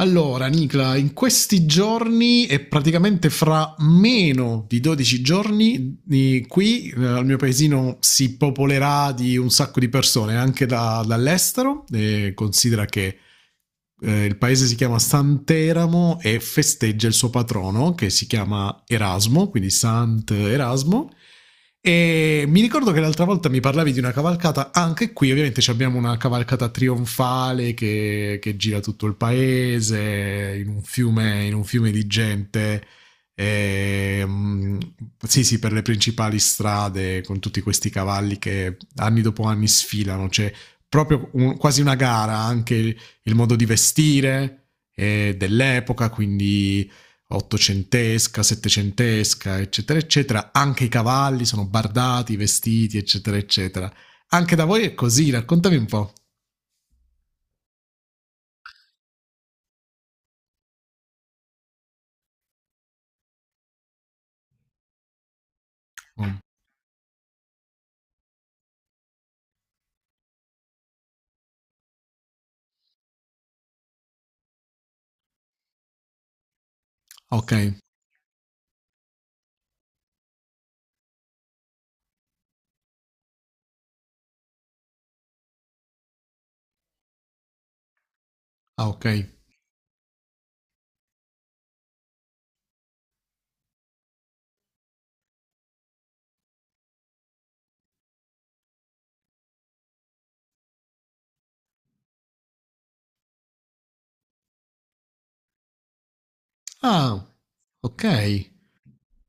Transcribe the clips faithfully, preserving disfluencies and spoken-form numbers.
Allora, Nicla, in questi giorni e praticamente fra meno di dodici giorni, eh, qui, eh, al mio paesino si popolerà di un sacco di persone anche da- dall'estero. E considera che, eh, il paese si chiama Sant'Eramo e festeggia il suo patrono che si chiama Erasmo, quindi Sant'Erasmo. E mi ricordo che l'altra volta mi parlavi di una cavalcata, anche qui ovviamente ci abbiamo una cavalcata trionfale che, che gira tutto il paese in un fiume, in un fiume di gente e, mm, sì, sì, per le principali strade con tutti questi cavalli che anni dopo anni sfilano, c'è proprio un- quasi una gara anche il, il modo di vestire, eh, dell'epoca, quindi ottocentesca, settecentesca, eccetera, eccetera. Anche i cavalli sono bardati, vestiti, eccetera, eccetera. Anche da voi è così, raccontami un po'. Mm. Ok. Ah, ok. Ah, ok.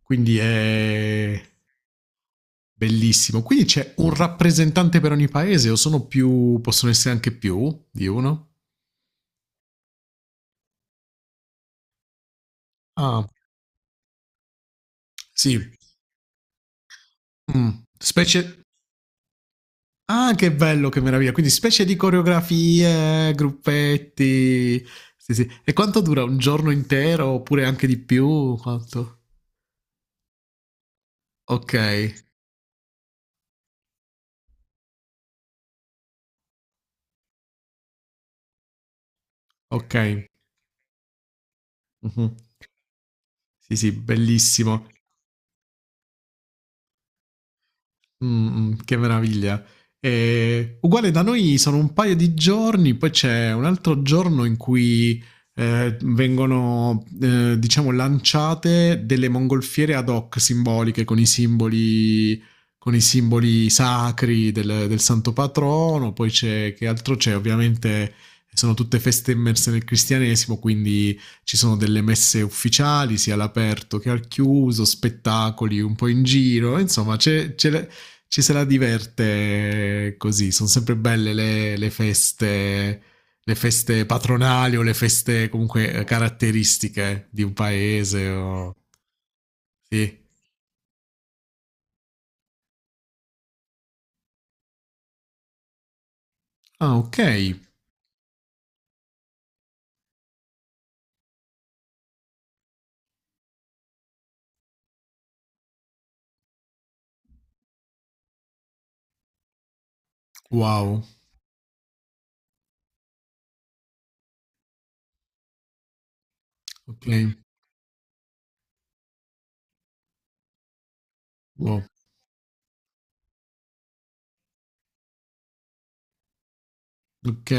Quindi è bellissimo. Quindi c'è un rappresentante per ogni paese o sono più, possono essere anche più di uno? Ah, sì. Mm. Specie... ah, che bello, che meraviglia. Quindi specie di coreografie, gruppetti. Sì, sì. E quanto dura? Un giorno intero oppure anche di più? Quanto? Ok, ok. Mhm. Sì, sì, bellissimo. Mh, mh, che meraviglia. Ehm, uguale da noi sono un paio di giorni, poi c'è un altro giorno in cui, ehm, vengono, ehm, diciamo lanciate delle mongolfiere ad hoc simboliche con i simboli con i simboli sacri del del santo patrono. Poi c'è, che altro c'è? Ovviamente sono tutte feste immerse nel cristianesimo, quindi ci sono delle messe ufficiali sia all'aperto che al chiuso, spettacoli un po' in giro, insomma c'è c'è la, ci se la diverte così. Sono sempre belle le, le feste, le feste patronali o le feste comunque, eh, caratteristiche di un paese. O... sì. Ah, ok. Wow. Ok. Wow. Ok.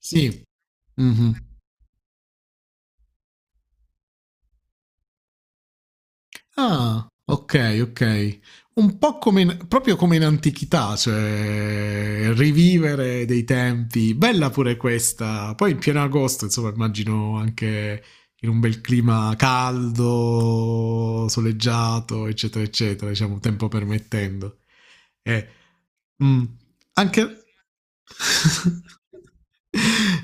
Sì. Mhm. Ah, ok, ok. Un po' come in- proprio come in antichità, cioè rivivere dei tempi. Bella pure questa. Poi in pieno agosto, insomma, immagino anche in un bel clima caldo, soleggiato, eccetera, eccetera, diciamo, tempo permettendo. Eh, mm, anche...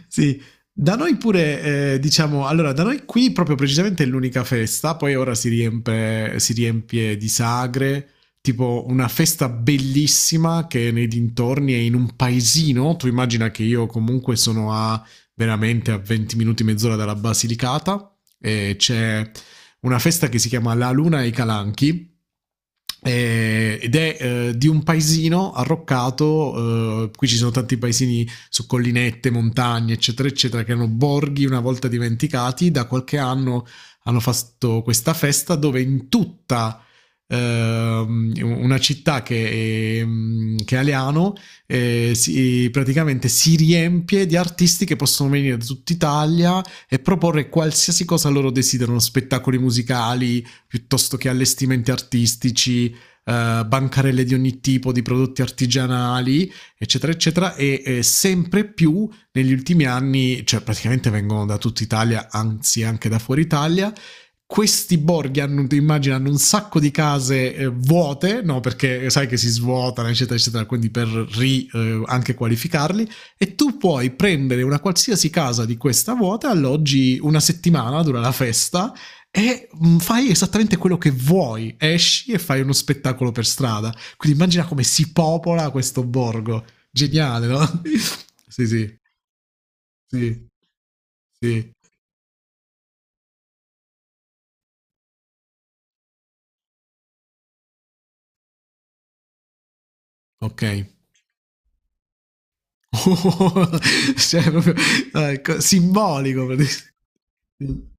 sì, da noi pure, eh, diciamo, allora, da noi qui proprio precisamente è l'unica festa, poi ora si riempie, si riempie di sagre, tipo una festa bellissima che è nei dintorni, è in un paesino, tu immagina che io comunque sono a veramente a venti minuti, mezz'ora dalla Basilicata, e c'è una festa che si chiama La Luna e i Calanchi, eh, ed è, eh, di un paesino arroccato, eh, qui ci sono tanti paesini su collinette, montagne, eccetera, eccetera, che erano borghi una volta dimenticati. Da qualche anno hanno fatto questa festa dove in tutta, ehm, una città che è, che è Aliano, eh, si, praticamente si riempie di artisti che possono venire da tutta Italia e proporre qualsiasi cosa loro desiderano, spettacoli musicali piuttosto che allestimenti artistici, eh, bancarelle di ogni tipo, di prodotti artigianali, eccetera, eccetera, e, eh, sempre più negli ultimi anni, cioè praticamente vengono da tutta Italia, anzi anche da fuori Italia, questi borghi hanno, immagino, hanno un sacco di case, eh, vuote, no? Perché sai che si svuotano, eccetera, eccetera, quindi per ri, eh, anche qualificarli. E tu puoi prendere una qualsiasi casa di questa vuota, alloggi una settimana, dura la festa, e mm, fai esattamente quello che vuoi. Esci e fai uno spettacolo per strada. Quindi immagina come si popola questo borgo. Geniale, no? Sì, sì, sì, sì. Ok. Cioè, proprio, eh, co- simbolico, praticamente. Sì.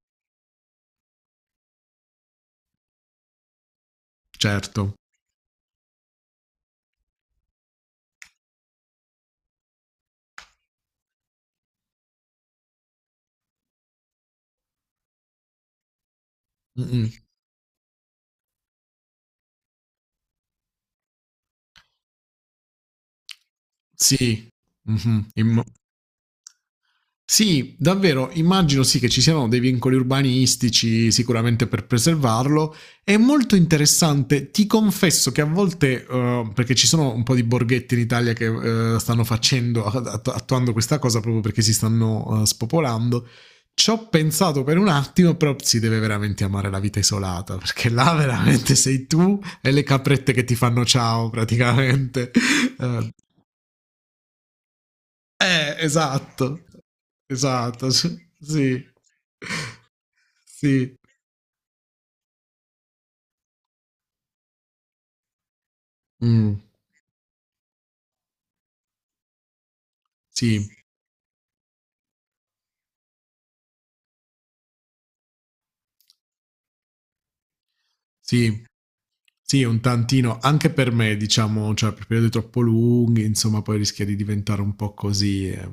Certo. Mm-mm. Sì. Mhm. Immo- sì, davvero, immagino sì che ci siano dei vincoli urbanistici sicuramente per preservarlo. È molto interessante, ti confesso che a volte, eh, perché ci sono un po' di borghetti in Italia che, eh, stanno facendo, att- attuando questa cosa proprio perché si stanno, eh, spopolando, ci ho pensato per un attimo, però si deve veramente amare la vita isolata, perché là veramente sei tu e le caprette che ti fanno ciao praticamente. Eh, eh, esatto. Esatto, sì. Sì. Sì. Mm, sì, sì. Sì, un tantino. Anche per me, diciamo, cioè, per periodi troppo lunghi, insomma, poi rischia di diventare un po' così, eh.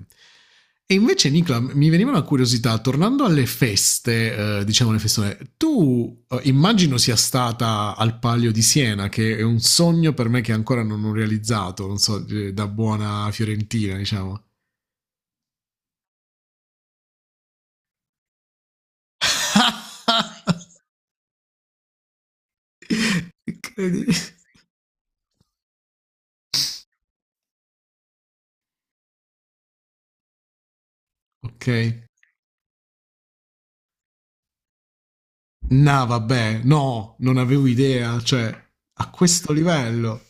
E invece, Nicola, mi veniva una curiosità, tornando alle feste, eh, diciamo le festone, tu, eh, immagino sia stata al Palio di Siena, che è un sogno per me che ancora non ho realizzato, non so, eh, da buona fiorentina, diciamo. Incredibile. Ok. No, vabbè, no, non avevo idea, cioè, a questo livello.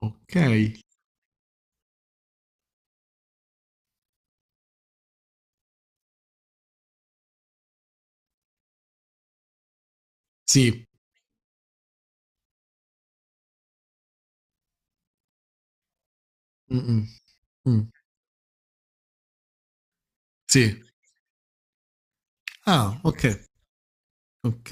Ok. Sì. Mm-mm. Mm, mm. Sì. Ah, ok. Ok.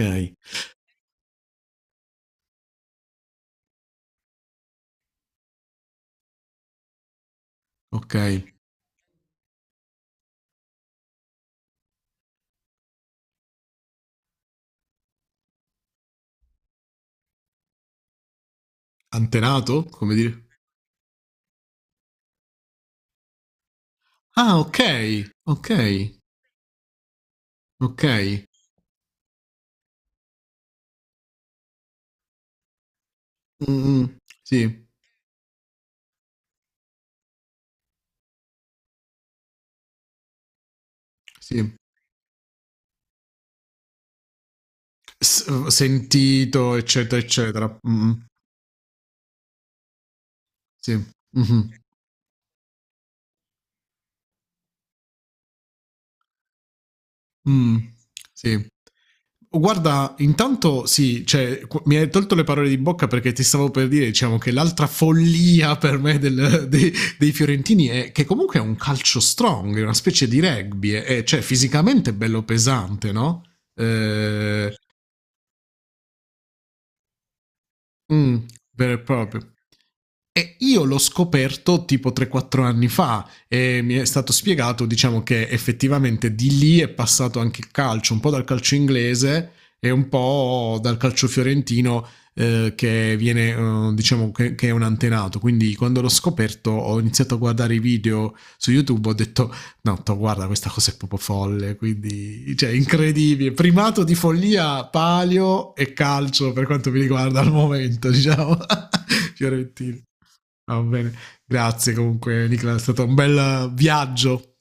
Ok. Antenato, come dire? Ah, ok. Ok. Ok. Mm-mm. Sì. Sì. S- sentito, eccetera, eccetera. Mm-mm. Sì. Mhm. Mm. Sì. Guarda, intanto sì, cioè, qu- mi hai tolto le parole di bocca perché ti stavo per dire, diciamo, che l'altra follia per me del- dei, dei fiorentini è che comunque è un calcio strong, è una specie di rugby, è, è- cioè fisicamente bello pesante, no? Eh, mh, vero e proprio. E io l'ho scoperto tipo tre, quattro anni fa e mi è stato spiegato, diciamo, che effettivamente di lì è passato anche il calcio, un po' dal calcio inglese e un po' dal calcio fiorentino, ehm, che viene, uhm, diciamo che che è un antenato. Quindi quando l'ho scoperto ho iniziato a guardare i video su YouTube, ho detto: no, to, guarda, questa cosa è proprio folle, quindi, cioè, incredibile. Primato di follia, palio e calcio per quanto mi riguarda al momento, diciamo, fiorentino. Va bene, grazie comunque Nicola, è stato un bel, eh, viaggio